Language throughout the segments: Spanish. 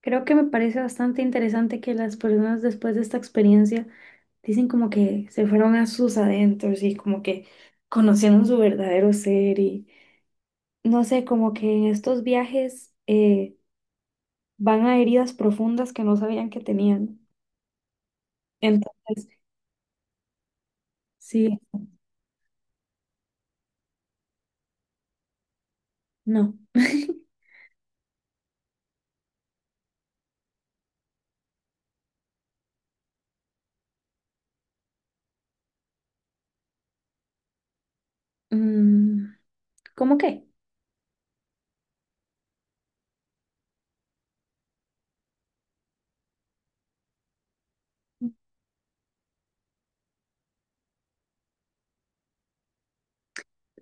Creo que me parece bastante interesante que las personas después de esta experiencia dicen como que se fueron a sus adentros y como que conocieron su verdadero ser y no sé, como que en estos viajes van a heridas profundas que no sabían que tenían. Entonces, sí, no. Mm, ¿cómo qué?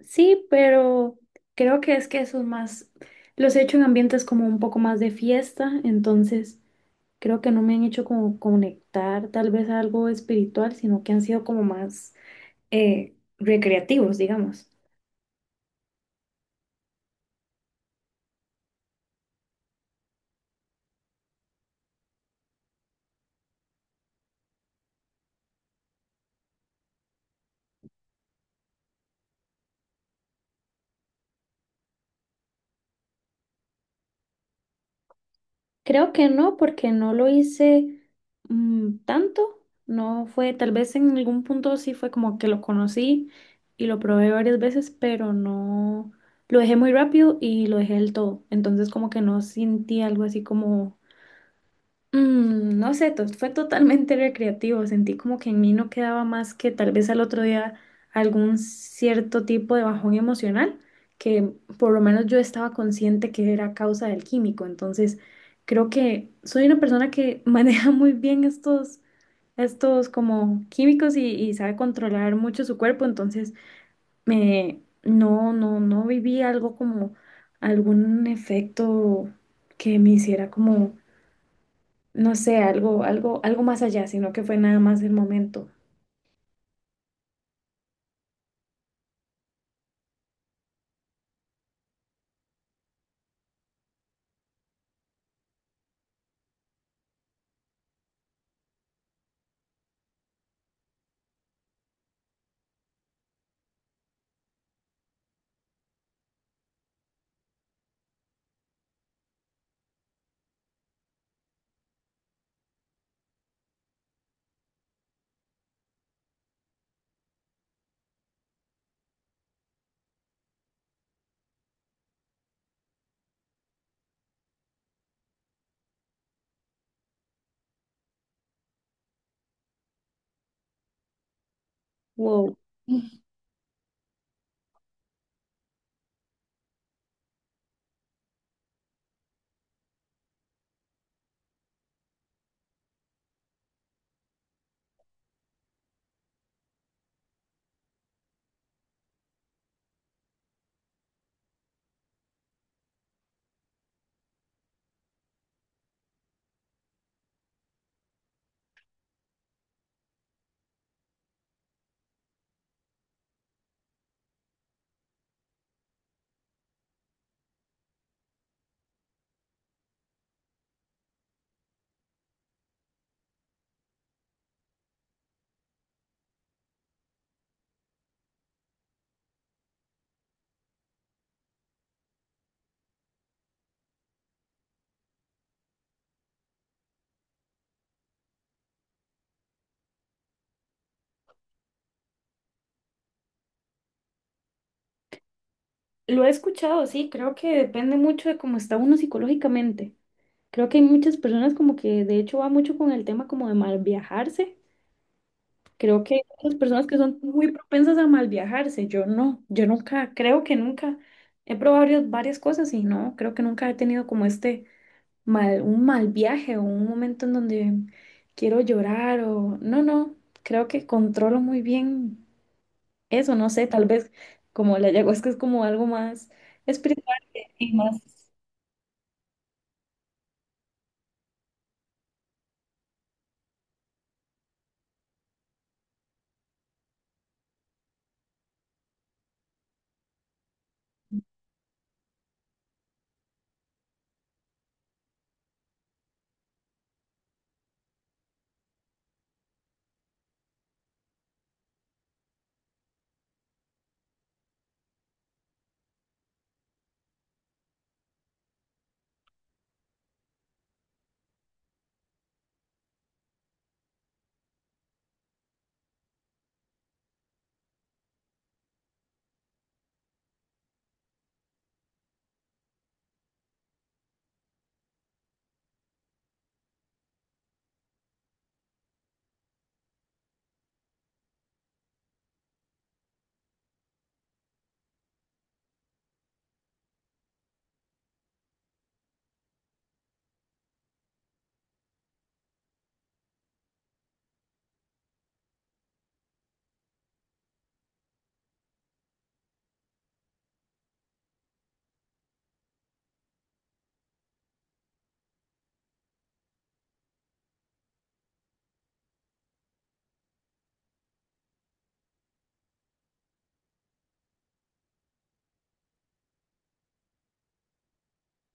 Sí, pero creo que es que eso es más, los he hecho en ambientes como un poco más de fiesta, entonces creo que no me han hecho como conectar tal vez a algo espiritual, sino que han sido como más recreativos, digamos. Creo que no, porque no lo hice tanto. No fue, tal vez en algún punto sí fue como que lo conocí y lo probé varias veces, pero no, lo dejé muy rápido y lo dejé del todo. Entonces como que no sentí algo así como. No sé, fue totalmente recreativo. Sentí como que en mí no quedaba más que tal vez al otro día algún cierto tipo de bajón emocional, que por lo menos yo estaba consciente que era causa del químico. Entonces, creo que soy una persona que maneja muy bien estos, estos como químicos y sabe controlar mucho su cuerpo. Entonces, me, no, no, no viví algo como algún efecto que me hiciera como no sé, algo, algo, algo más allá, sino que fue nada más el momento. Wow. Lo he escuchado, sí, creo que depende mucho de cómo está uno psicológicamente. Creo que hay muchas personas como que de hecho va mucho con el tema como de mal viajarse. Creo que hay muchas personas que son muy propensas a mal viajarse. Yo no, yo nunca, creo que nunca he probado varias, varias cosas y no, creo que nunca he tenido como este mal, un mal viaje o un momento en donde quiero llorar o no, no, creo que controlo muy bien eso, no sé, tal vez como la ayahuasca es como algo más espiritual y más,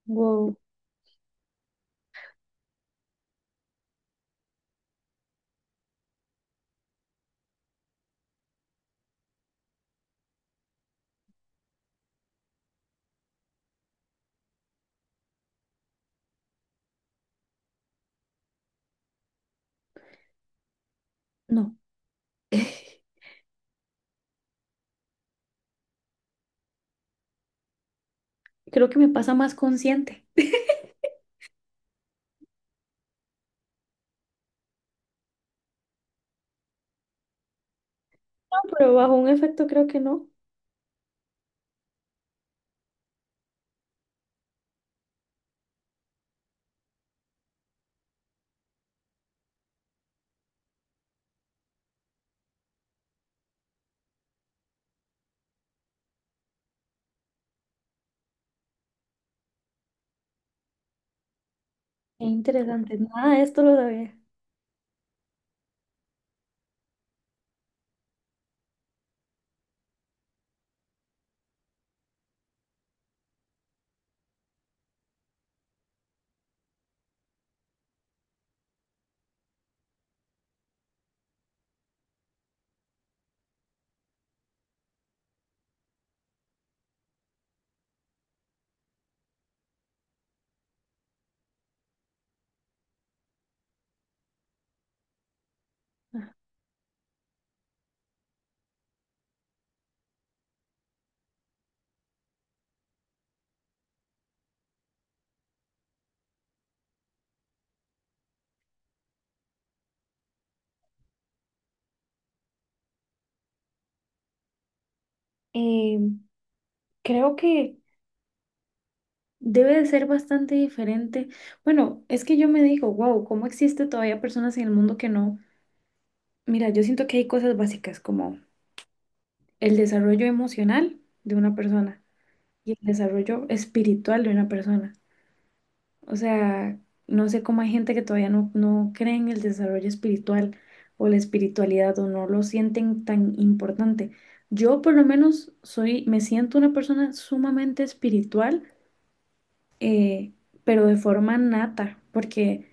wow, no. Creo que me pasa más consciente. No, pero bajo un efecto creo que no. Qué interesante, nada de esto lo sabía. Eh, Creo que debe de ser bastante diferente. Bueno, es que yo me digo, wow, ¿cómo existe todavía personas en el mundo que no? Mira, yo siento que hay cosas básicas como el desarrollo emocional de una persona y el desarrollo espiritual de una persona. O sea, no sé cómo hay gente que todavía no, no cree en el desarrollo espiritual o la espiritualidad o no lo sienten tan importante. Yo por lo menos soy, me siento una persona sumamente espiritual, eh, pero de forma nata, porque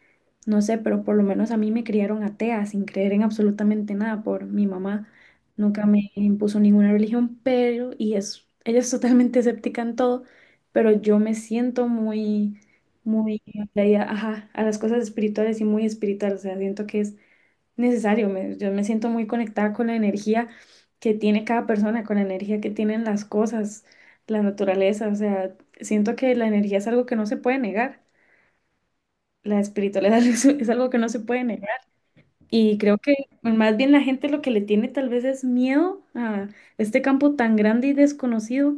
no sé, pero por lo menos a mí me criaron atea sin creer en absolutamente nada por mi mamá. Nunca me impuso ninguna religión, pero, y es, ella es totalmente escéptica en todo, pero yo me siento muy, muy atraída, ajá, a las cosas espirituales y muy espiritual, o sea, siento que es necesario. Me- yo me siento muy conectada con la energía que tiene cada persona, con la energía que tienen las cosas, la naturaleza. O sea, siento que la energía es algo que no se puede negar. La espiritualidad es algo que no se puede negar. Y creo que más bien la gente lo que le tiene tal vez es miedo a este campo tan grande y desconocido.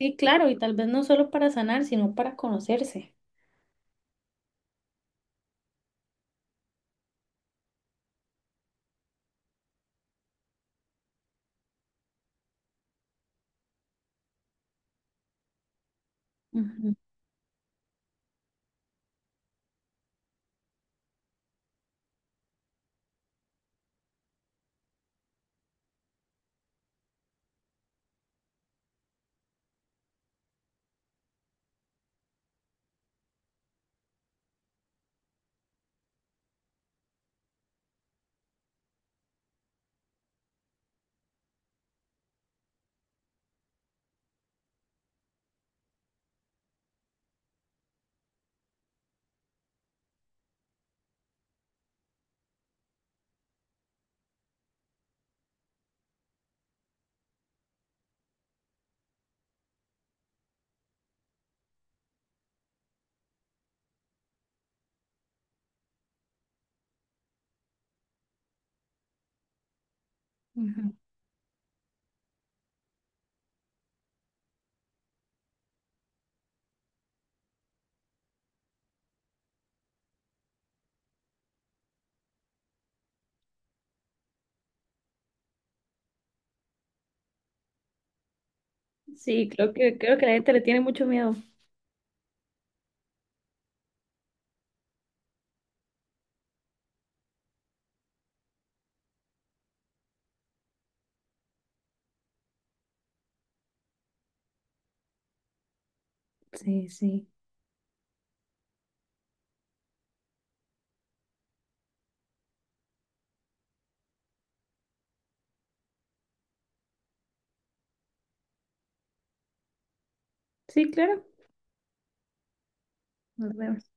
Sí, claro, y tal vez no solo para sanar, sino para conocerse. Ujú, ujú. Sí, creo que la gente le tiene mucho miedo. Sí, sí. Sí, claro. Nos vemos.